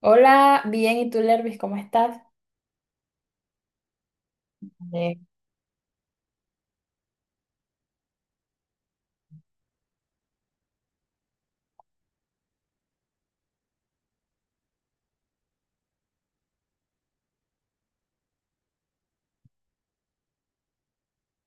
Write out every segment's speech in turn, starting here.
Hola, bien, ¿y tú, Lervis, cómo estás? Eh,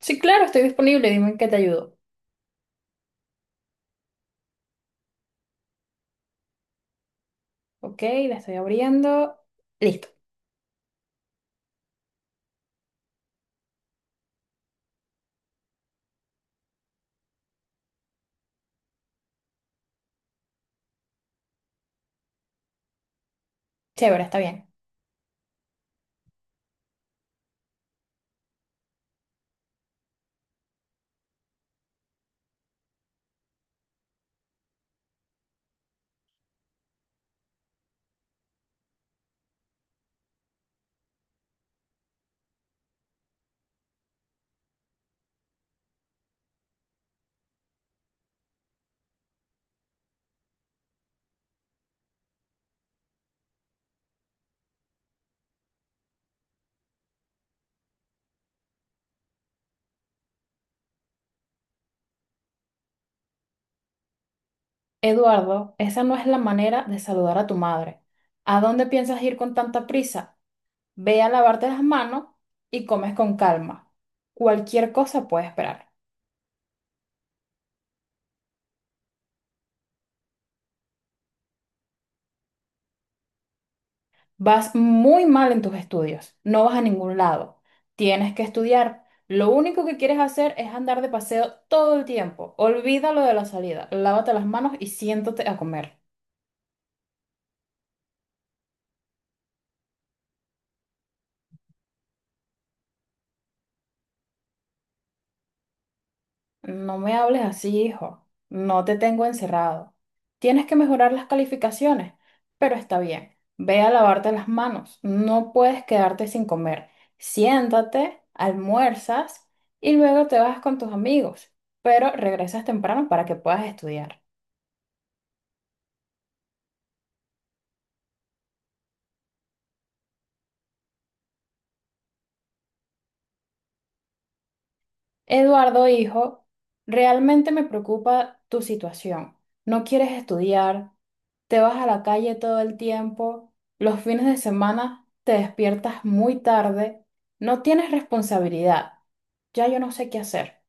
sí, claro, estoy disponible, dime en qué te ayudo. Ok, la estoy abriendo. Listo, chévere, está bien. Eduardo, esa no es la manera de saludar a tu madre. ¿A dónde piensas ir con tanta prisa? Ve a lavarte las manos y comes con calma. Cualquier cosa puede esperar. Vas muy mal en tus estudios, no vas a ningún lado. Tienes que estudiar. Lo único que quieres hacer es andar de paseo todo el tiempo. Olvídalo de la salida. Lávate las manos y siéntate a comer. No me hables así, hijo. No te tengo encerrado. Tienes que mejorar las calificaciones, pero está bien. Ve a lavarte las manos. No puedes quedarte sin comer. Siéntate, almuerzas y luego te vas con tus amigos, pero regresas temprano para que puedas estudiar. Eduardo, hijo, realmente me preocupa tu situación. No quieres estudiar, te vas a la calle todo el tiempo, los fines de semana te despiertas muy tarde, no tienes responsabilidad. Ya yo no sé qué hacer.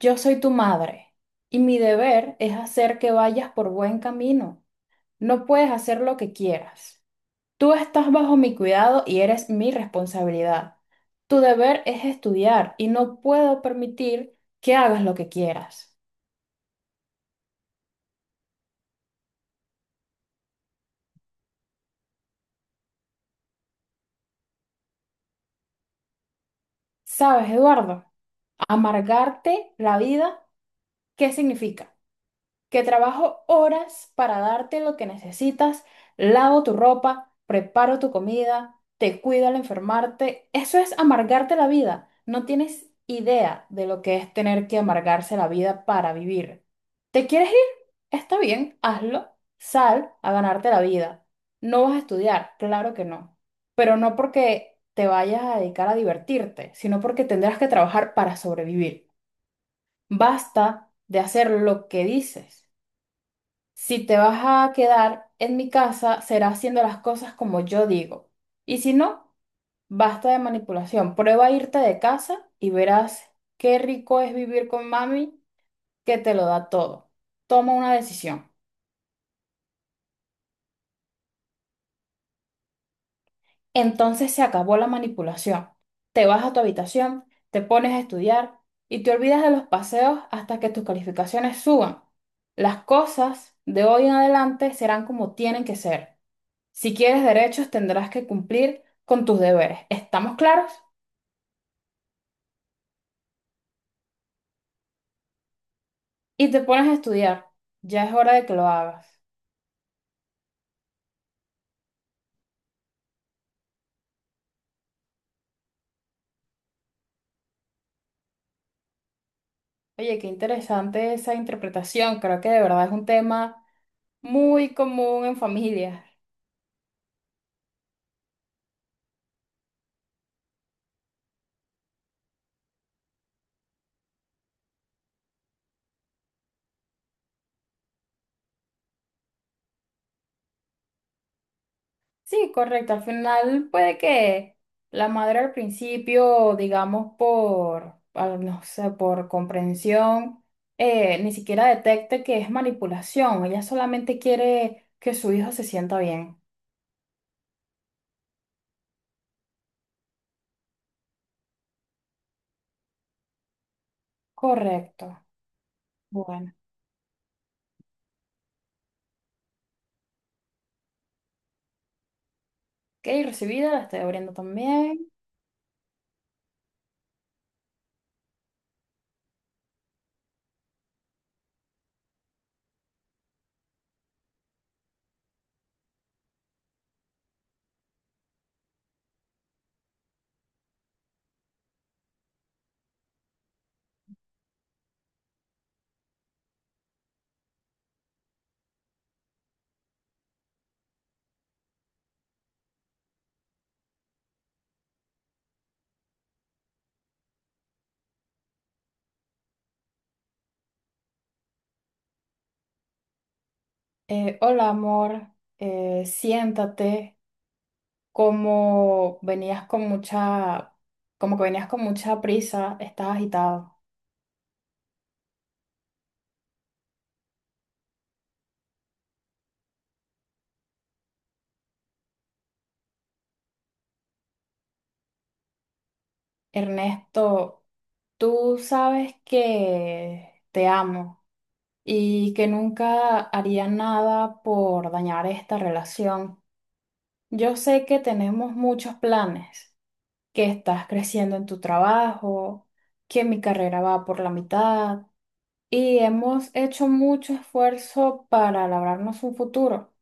Yo soy tu madre y mi deber es hacer que vayas por buen camino. No puedes hacer lo que quieras. Tú estás bajo mi cuidado y eres mi responsabilidad. Tu deber es estudiar y no puedo permitir que hagas lo que quieras. ¿Sabes, Eduardo? Amargarte la vida, ¿qué significa? Que trabajo horas para darte lo que necesitas, lavo tu ropa, preparo tu comida, te cuido al enfermarte. Eso es amargarte la vida. No tienes idea de lo que es tener que amargarse la vida para vivir. ¿Te quieres ir? Está bien, hazlo. Sal a ganarte la vida. No vas a estudiar, claro que no. Pero no porque te vayas a dedicar a divertirte, sino porque tendrás que trabajar para sobrevivir. Basta de hacer lo que dices. Si te vas a quedar en mi casa, será haciendo las cosas como yo digo. Y si no, basta de manipulación. Prueba a irte de casa y verás qué rico es vivir con mami, que te lo da todo. Toma una decisión. Entonces se acabó la manipulación. Te vas a tu habitación, te pones a estudiar y te olvidas de los paseos hasta que tus calificaciones suban. Las cosas de hoy en adelante serán como tienen que ser. Si quieres derechos, tendrás que cumplir con tus deberes. ¿Estamos claros? Y te pones a estudiar. Ya es hora de que lo hagas. Oye, qué interesante esa interpretación. Creo que de verdad es un tema muy común en familias. Sí, correcto. Al final puede que la madre al principio, digamos, por, no sé, por comprensión, ni siquiera detecte que es manipulación. Ella solamente quiere que su hijo se sienta bien. Correcto. Bueno. Ok, recibida, la estoy abriendo también. Hola, amor. Siéntate. Como venías con mucha, Como que venías con mucha prisa, estás agitado. Ernesto, tú sabes que te amo y que nunca haría nada por dañar esta relación. Yo sé que tenemos muchos planes, que estás creciendo en tu trabajo, que mi carrera va por la mitad y hemos hecho mucho esfuerzo para labrarnos un futuro.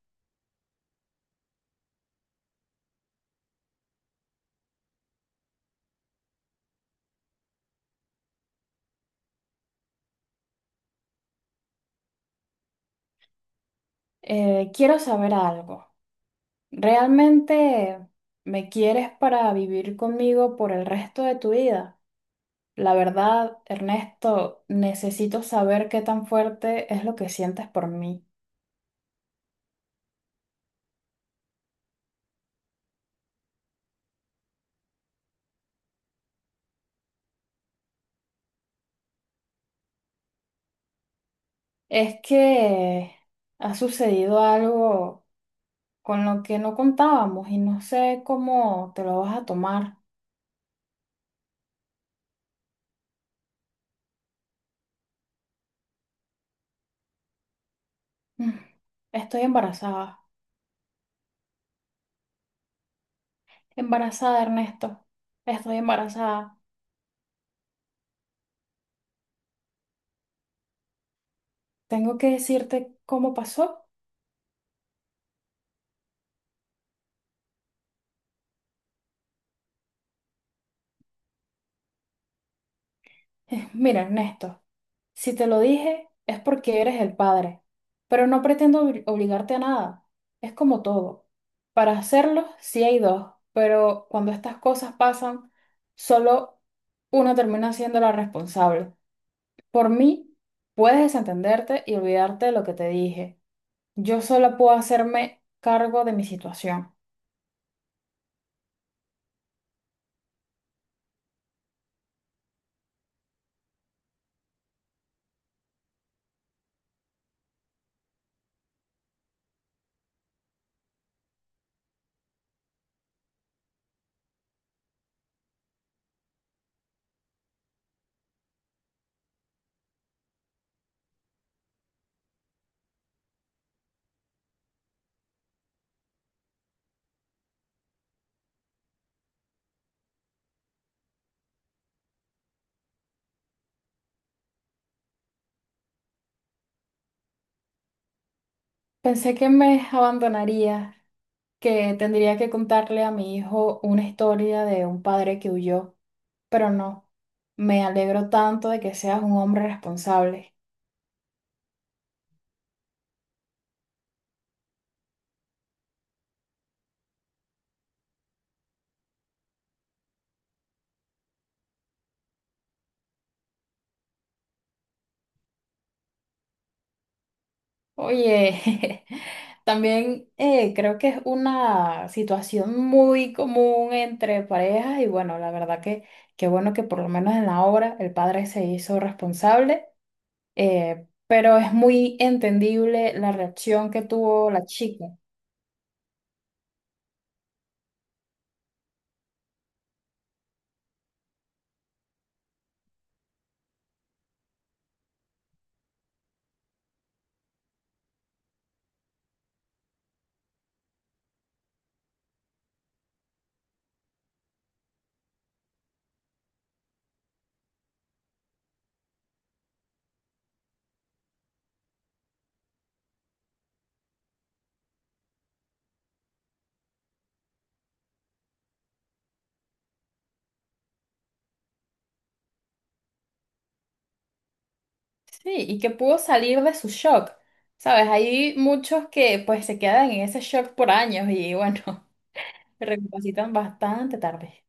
Quiero saber algo. ¿Realmente me quieres para vivir conmigo por el resto de tu vida? La verdad, Ernesto, necesito saber qué tan fuerte es lo que sientes por mí. Es que ha sucedido algo con lo que no contábamos y no sé cómo te lo vas a tomar. Mm, Estoy embarazada. Embarazada, Ernesto. Estoy embarazada. Tengo que decirte cómo pasó. Mira, Ernesto, si te lo dije es porque eres el padre, pero no pretendo obligarte a nada. Es como todo. Para hacerlo, sí hay dos, pero cuando estas cosas pasan, solo uno termina siendo la responsable. Por mí, puedes desentenderte y olvidarte de lo que te dije. Yo solo puedo hacerme cargo de mi situación. Pensé que me abandonarías, que tendría que contarle a mi hijo una historia de un padre que huyó, pero no, me alegro tanto de que seas un hombre responsable. Oye, también, creo que es una situación muy común entre parejas y bueno, la verdad que qué bueno que por lo menos en la obra el padre se hizo responsable, pero es muy entendible la reacción que tuvo la chica. Sí, y que pudo salir de su shock. Sabes, hay muchos que pues se quedan en ese shock por años y bueno, recapacitan bastante tarde.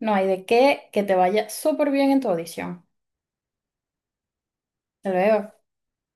No hay de qué, que te vaya súper bien en tu audición. Hasta luego.